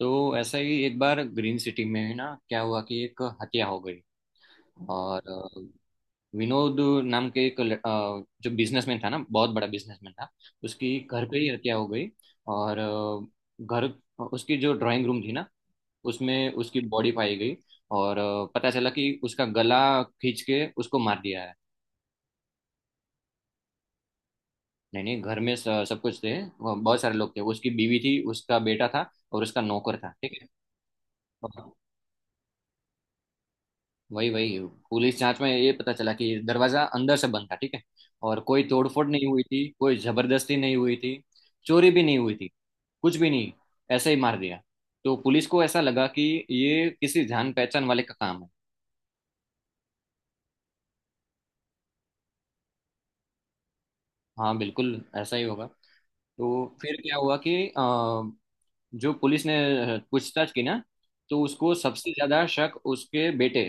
तो ऐसा ही एक बार ग्रीन सिटी में ना क्या हुआ कि एक हत्या हो गई और विनोद नाम के एक जो बिजनेसमैन था ना बहुत बड़ा बिजनेसमैन था। उसकी घर पे ही हत्या हो गई और घर उसकी जो ड्राइंग रूम थी ना उसमें उसकी बॉडी पाई गई। और पता चला कि उसका गला खींच के उसको मार दिया है। नहीं नहीं, घर में सब कुछ थे, वो बहुत सारे लोग थे, उसकी बीवी थी, उसका बेटा था और उसका नौकर था। ठीक है। वही वही पुलिस जांच में ये पता चला कि दरवाजा अंदर से बंद था, ठीक है। और कोई तोड़फोड़ नहीं हुई थी, कोई जबरदस्ती नहीं हुई थी, चोरी भी नहीं हुई थी, कुछ भी नहीं। ऐसे ही मार दिया। तो पुलिस को ऐसा लगा कि ये किसी जान पहचान वाले का काम है। हाँ बिल्कुल ऐसा ही होगा। तो फिर क्या हुआ कि जो पुलिस ने पूछताछ की ना, तो उसको सबसे ज्यादा शक उसके बेटे,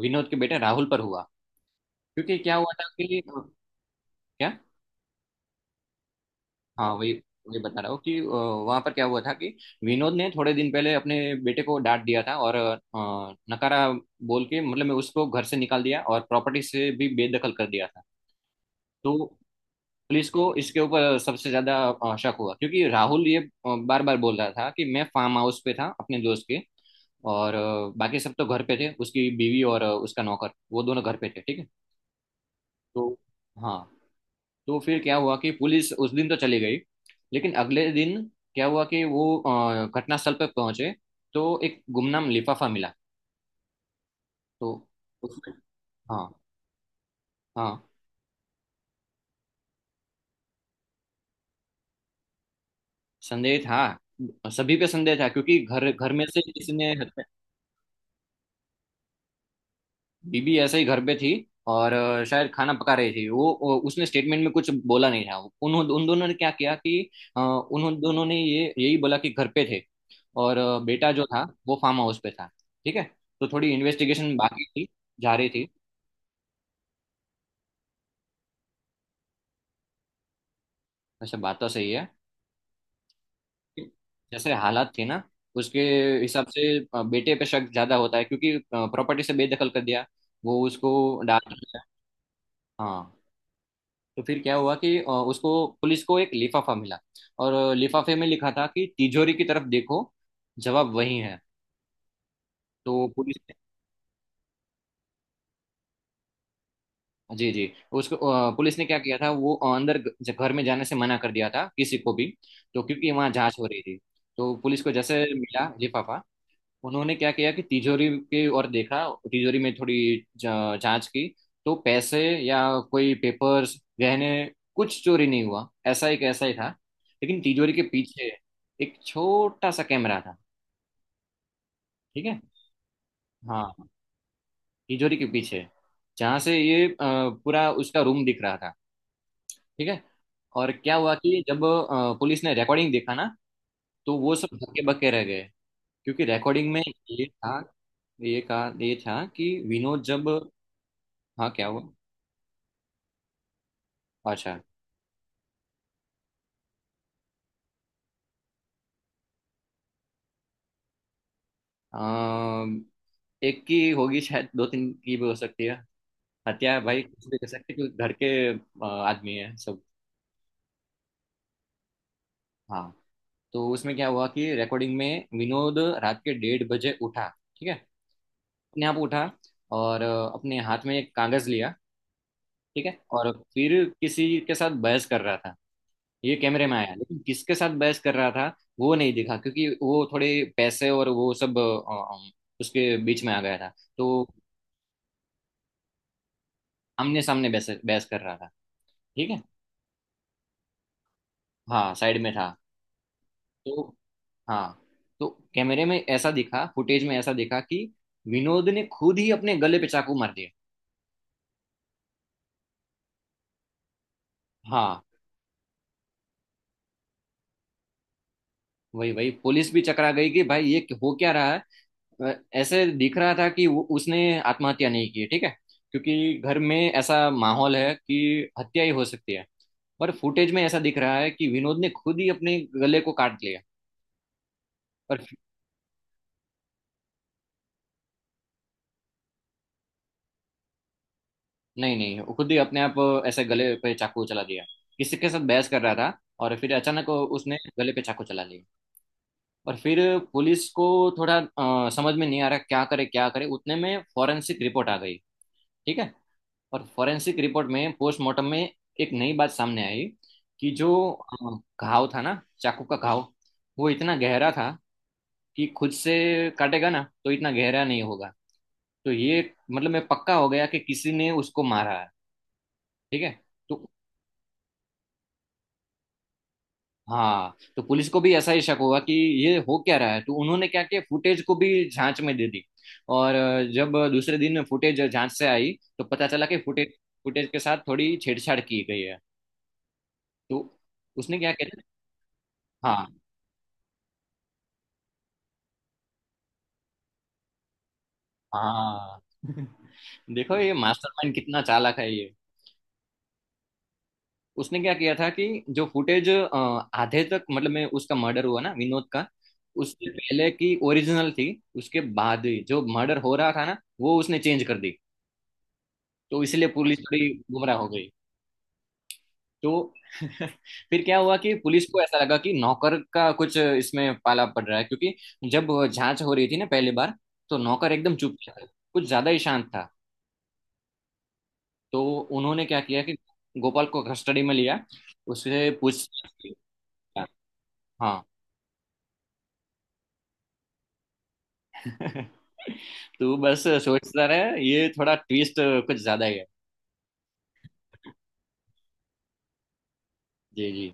विनोद के बेटे राहुल पर हुआ। क्योंकि क्या हुआ था कि क्या। हाँ, वही वही बता रहा हूँ कि वहां पर क्या हुआ था कि विनोद ने थोड़े दिन पहले अपने बेटे को डांट दिया था और नकारा बोल के मतलब मैं उसको घर से निकाल दिया और प्रॉपर्टी से भी बेदखल कर दिया था। तो पुलिस को इसके ऊपर सबसे ज्यादा शक हुआ। क्योंकि राहुल ये बार बार बोल रहा था कि मैं फार्म हाउस पे था अपने दोस्त के। और बाकी सब तो घर पे थे, उसकी बीवी और उसका नौकर, वो दोनों घर पे थे, ठीक है। तो हाँ, तो फिर क्या हुआ कि पुलिस उस दिन तो चली गई, लेकिन अगले दिन क्या हुआ कि वो घटनास्थल पर पहुंचे तो एक गुमनाम लिफाफा मिला। तो उसमें। हाँ हाँ, संदेह था, सभी पे संदेह था, क्योंकि घर घर में से किसी ने हत्या। बीबी ऐसे ही घर पे थी और शायद खाना पका रही थी वो उसने स्टेटमेंट में कुछ बोला नहीं था। उन उन दोनों ने क्या किया कि उन दोनों ने ये यही बोला कि घर पे थे। और बेटा जो था, वो फार्म हाउस पे था, ठीक है। तो थोड़ी इन्वेस्टिगेशन बाकी थी, जा रही थी। वैसे बात तो सही है। जैसे हालात थे ना उसके हिसाब से, बेटे पे शक ज्यादा होता है, क्योंकि प्रॉपर्टी से बेदखल कर दिया, वो उसको डांट दिया। हाँ। तो फिर क्या हुआ कि उसको पुलिस को एक लिफाफा मिला। और लिफाफे में लिखा था कि तिजोरी की तरफ देखो, जवाब वही है। तो पुलिस ने। जी जी, उसको पुलिस ने क्या किया था, वो अंदर घर में जाने से मना कर दिया था किसी को भी, तो क्योंकि वहाँ जांच हो रही थी। तो पुलिस को जैसे मिला लिफाफा, उन्होंने क्या किया कि तिजोरी के और देखा। तिजोरी में थोड़ी जांच की। तो पैसे या कोई पेपर्स, गहने, कुछ चोरी नहीं हुआ, ऐसा ही कैसा ही था। लेकिन तिजोरी के पीछे एक छोटा सा कैमरा था, ठीक है। हाँ, तिजोरी के पीछे, जहाँ से ये पूरा उसका रूम दिख रहा था, ठीक है। और क्या हुआ कि जब पुलिस ने रिकॉर्डिंग देखा ना, तो वो सब धक्के बक्के रह गए। क्योंकि रिकॉर्डिंग में ये था, ये कहा ये था कि विनोद जब। हाँ क्या हुआ। अच्छा। अम, एक की होगी, शायद दो तीन की भी हो सकती है। हत्या भाई कुछ भी कर सकते हैं, क्योंकि घर के आदमी है सब। हाँ। तो उसमें क्या हुआ कि रिकॉर्डिंग में विनोद रात के 1:30 बजे उठा, ठीक है। अपने आप उठा, और अपने हाथ में एक कागज लिया, ठीक है। और फिर किसी के साथ बहस कर रहा था, ये कैमरे में आया, लेकिन किसके साथ बहस कर रहा था वो नहीं दिखा। क्योंकि वो थोड़े पैसे और वो सब अ, उसके बीच में आ गया था। तो आमने सामने बहस बहस कर रहा था, ठीक है। हाँ, साइड में था। तो हाँ, तो कैमरे में ऐसा दिखा, फुटेज में ऐसा दिखा कि विनोद ने खुद ही अपने गले पे चाकू मार दिया। हाँ, वही वही पुलिस भी चकरा गई कि भाई ये हो क्या रहा है। अ, ऐसे दिख रहा था कि वो उसने आत्महत्या नहीं की, ठीक है। क्योंकि घर में ऐसा माहौल है कि हत्या ही हो सकती है, पर फुटेज में ऐसा दिख रहा है कि विनोद ने खुद ही अपने गले को काट लिया। पर नहीं नहीं, वो खुद ही अपने आप ऐसे गले पे चाकू चला दिया। किसी के साथ बहस कर रहा था, और फिर अचानक उसने गले पे चाकू चला लिया। और फिर पुलिस को थोड़ा समझ में नहीं आ रहा क्या करे क्या करे, उतने में फॉरेंसिक रिपोर्ट आ गई, ठीक है। और फॉरेंसिक रिपोर्ट में, पोस्टमार्टम में, एक नई बात सामने आई कि जो घाव था ना, चाकू का घाव, वो इतना गहरा था कि खुद से काटेगा ना तो इतना गहरा नहीं होगा। तो ये मतलब मैं पक्का हो गया कि किसी ने उसको मारा है, ठीक है। तो हाँ, तो पुलिस को भी ऐसा ही शक हुआ कि ये हो क्या रहा है। तो उन्होंने क्या किया, फुटेज को भी जांच में दे दी। और जब दूसरे दिन फुटेज जांच से आई, तो पता चला कि फुटेज फुटेज के साथ थोड़ी छेड़छाड़ की गई है। तो उसने क्या किया। हाँ हाँ। देखो ये मास्टरमाइंड कितना चालाक है ये। उसने क्या किया था कि जो फुटेज आधे तक, मतलब मैं उसका मर्डर हुआ ना विनोद का, उससे पहले की ओरिजिनल थी, उसके बाद ही जो मर्डर हो रहा था ना, वो उसने चेंज कर दी। तो इसलिए पुलिस थोड़ी गुमराह हो गई। तो फिर क्या हुआ कि पुलिस को ऐसा लगा कि नौकर का कुछ इसमें पाला पड़ रहा है, क्योंकि जब जांच हो रही थी ना पहली बार, तो नौकर एकदम चुप था, कुछ ज्यादा ही शांत था। तो उन्होंने क्या किया कि गोपाल को कस्टडी में लिया, उससे पूछ। हाँ। तो बस सोचता रहे ये, थोड़ा ट्विस्ट कुछ ज्यादा ही है। जी जी।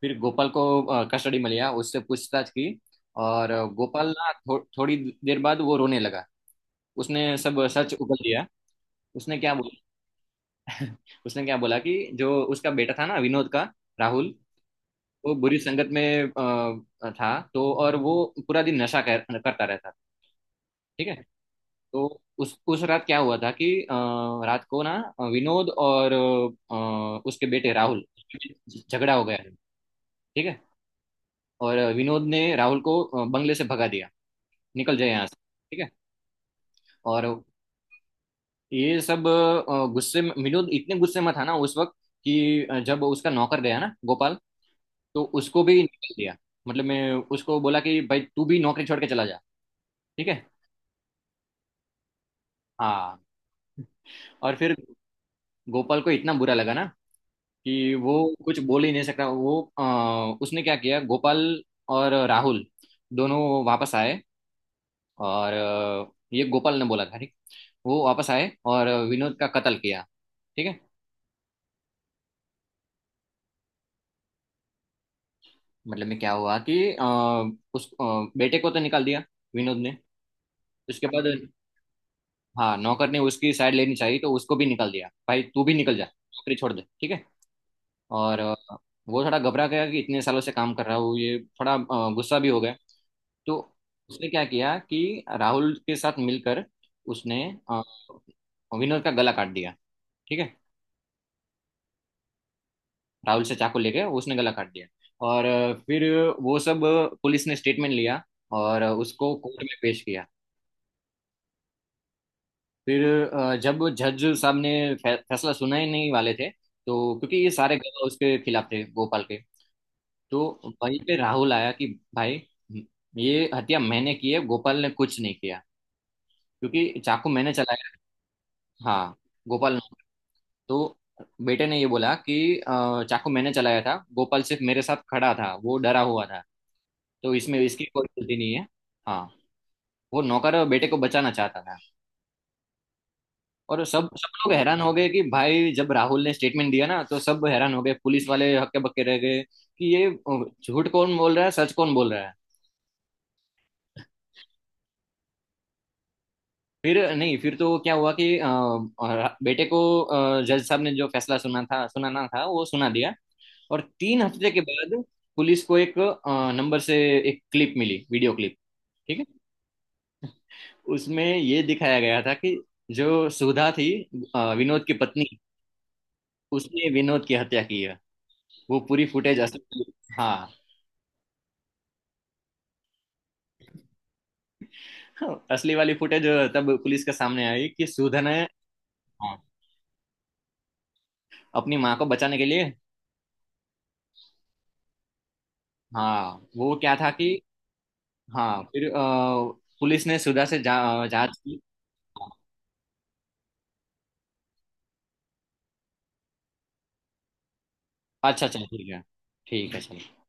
फिर गोपाल को कस्टडी में लिया, उससे पूछताछ की। और गोपाल ना थोड़ी देर बाद वो रोने लगा, उसने सब सच उगल दिया। उसने क्या बोला। उसने क्या बोला कि जो उसका बेटा था ना, विनोद का, राहुल, वो बुरी संगत में था तो, और वो पूरा दिन नशा करता रहता था, ठीक है। तो उस रात क्या हुआ था कि रात को ना विनोद और उसके बेटे राहुल झगड़ा हो गया, ठीक है। और विनोद ने राहुल को बंगले से भगा दिया, निकल जाए यहाँ से, ठीक है। और ये सब गुस्से में, विनोद इतने गुस्से में था ना उस वक्त, कि जब उसका नौकर गया ना गोपाल, तो उसको भी निकल दिया। मतलब मैं उसको बोला कि भाई तू भी नौकरी छोड़ के चला जा, ठीक है। हाँ। और फिर गोपाल को इतना बुरा लगा ना कि वो कुछ बोल ही नहीं सकता वो उसने क्या किया, गोपाल और राहुल दोनों वापस आए, और ये गोपाल ने बोला था ठीक, वो वापस आए और विनोद का कत्ल किया, ठीक है। मतलब में क्या हुआ कि अ, उस बेटे को तो निकाल दिया विनोद ने, उसके बाद, हाँ, नौकर ने उसकी साइड लेनी चाहिए तो उसको भी निकाल दिया, भाई तू भी निकल जा, नौकरी छोड़ दे, ठीक है। और वो थोड़ा घबरा गया कि इतने सालों से काम कर रहा हूँ, ये थोड़ा गुस्सा भी हो गया। तो उसने क्या किया कि राहुल के साथ मिलकर उसने अ, विनोद का गला काट दिया, ठीक है। राहुल से चाकू लेके उसने गला काट दिया। और फिर वो सब, पुलिस ने स्टेटमेंट लिया और उसको कोर्ट में पेश किया। फिर जब जज साहब ने फैसला सुनाए नहीं वाले थे, तो क्योंकि ये सारे गवाह उसके खिलाफ थे, गोपाल के, तो वहीं पे राहुल आया कि भाई ये हत्या मैंने की है, गोपाल ने कुछ नहीं किया, क्योंकि चाकू मैंने चलाया। हाँ, गोपाल ने। तो बेटे ने ये बोला कि चाकू मैंने चलाया था, गोपाल सिर्फ मेरे साथ खड़ा था, वो डरा हुआ था, तो इसमें इसकी कोई गलती नहीं है। हाँ। वो नौकर बेटे को बचाना चाहता था। और सब सब लोग हैरान हो गए कि भाई जब राहुल ने स्टेटमेंट दिया ना, तो सब हैरान हो गए, पुलिस वाले हक्के बक्के रह गए कि ये झूठ कौन बोल रहा है, सच कौन बोल रहा है। फिर नहीं, फिर तो क्या हुआ कि बेटे को जज साहब ने जो फैसला सुनाना था वो सुना दिया। और 3 हफ्ते के बाद पुलिस को एक नंबर से एक क्लिप मिली, वीडियो क्लिप, ठीक है। उसमें ये दिखाया गया था कि जो सुधा थी, विनोद की पत्नी, उसने विनोद की हत्या की है, वो पूरी फुटेज असल। हाँ। हाँ, असली वाली फुटेज तब पुलिस के सामने आई कि सुधा ने। हाँ, अपनी माँ को बचाने के लिए। हाँ वो क्या था कि। हाँ फिर पुलिस ने सुधा से जांच की। हाँ, अच्छा अच्छा, ठीक है। ठीक है चलो।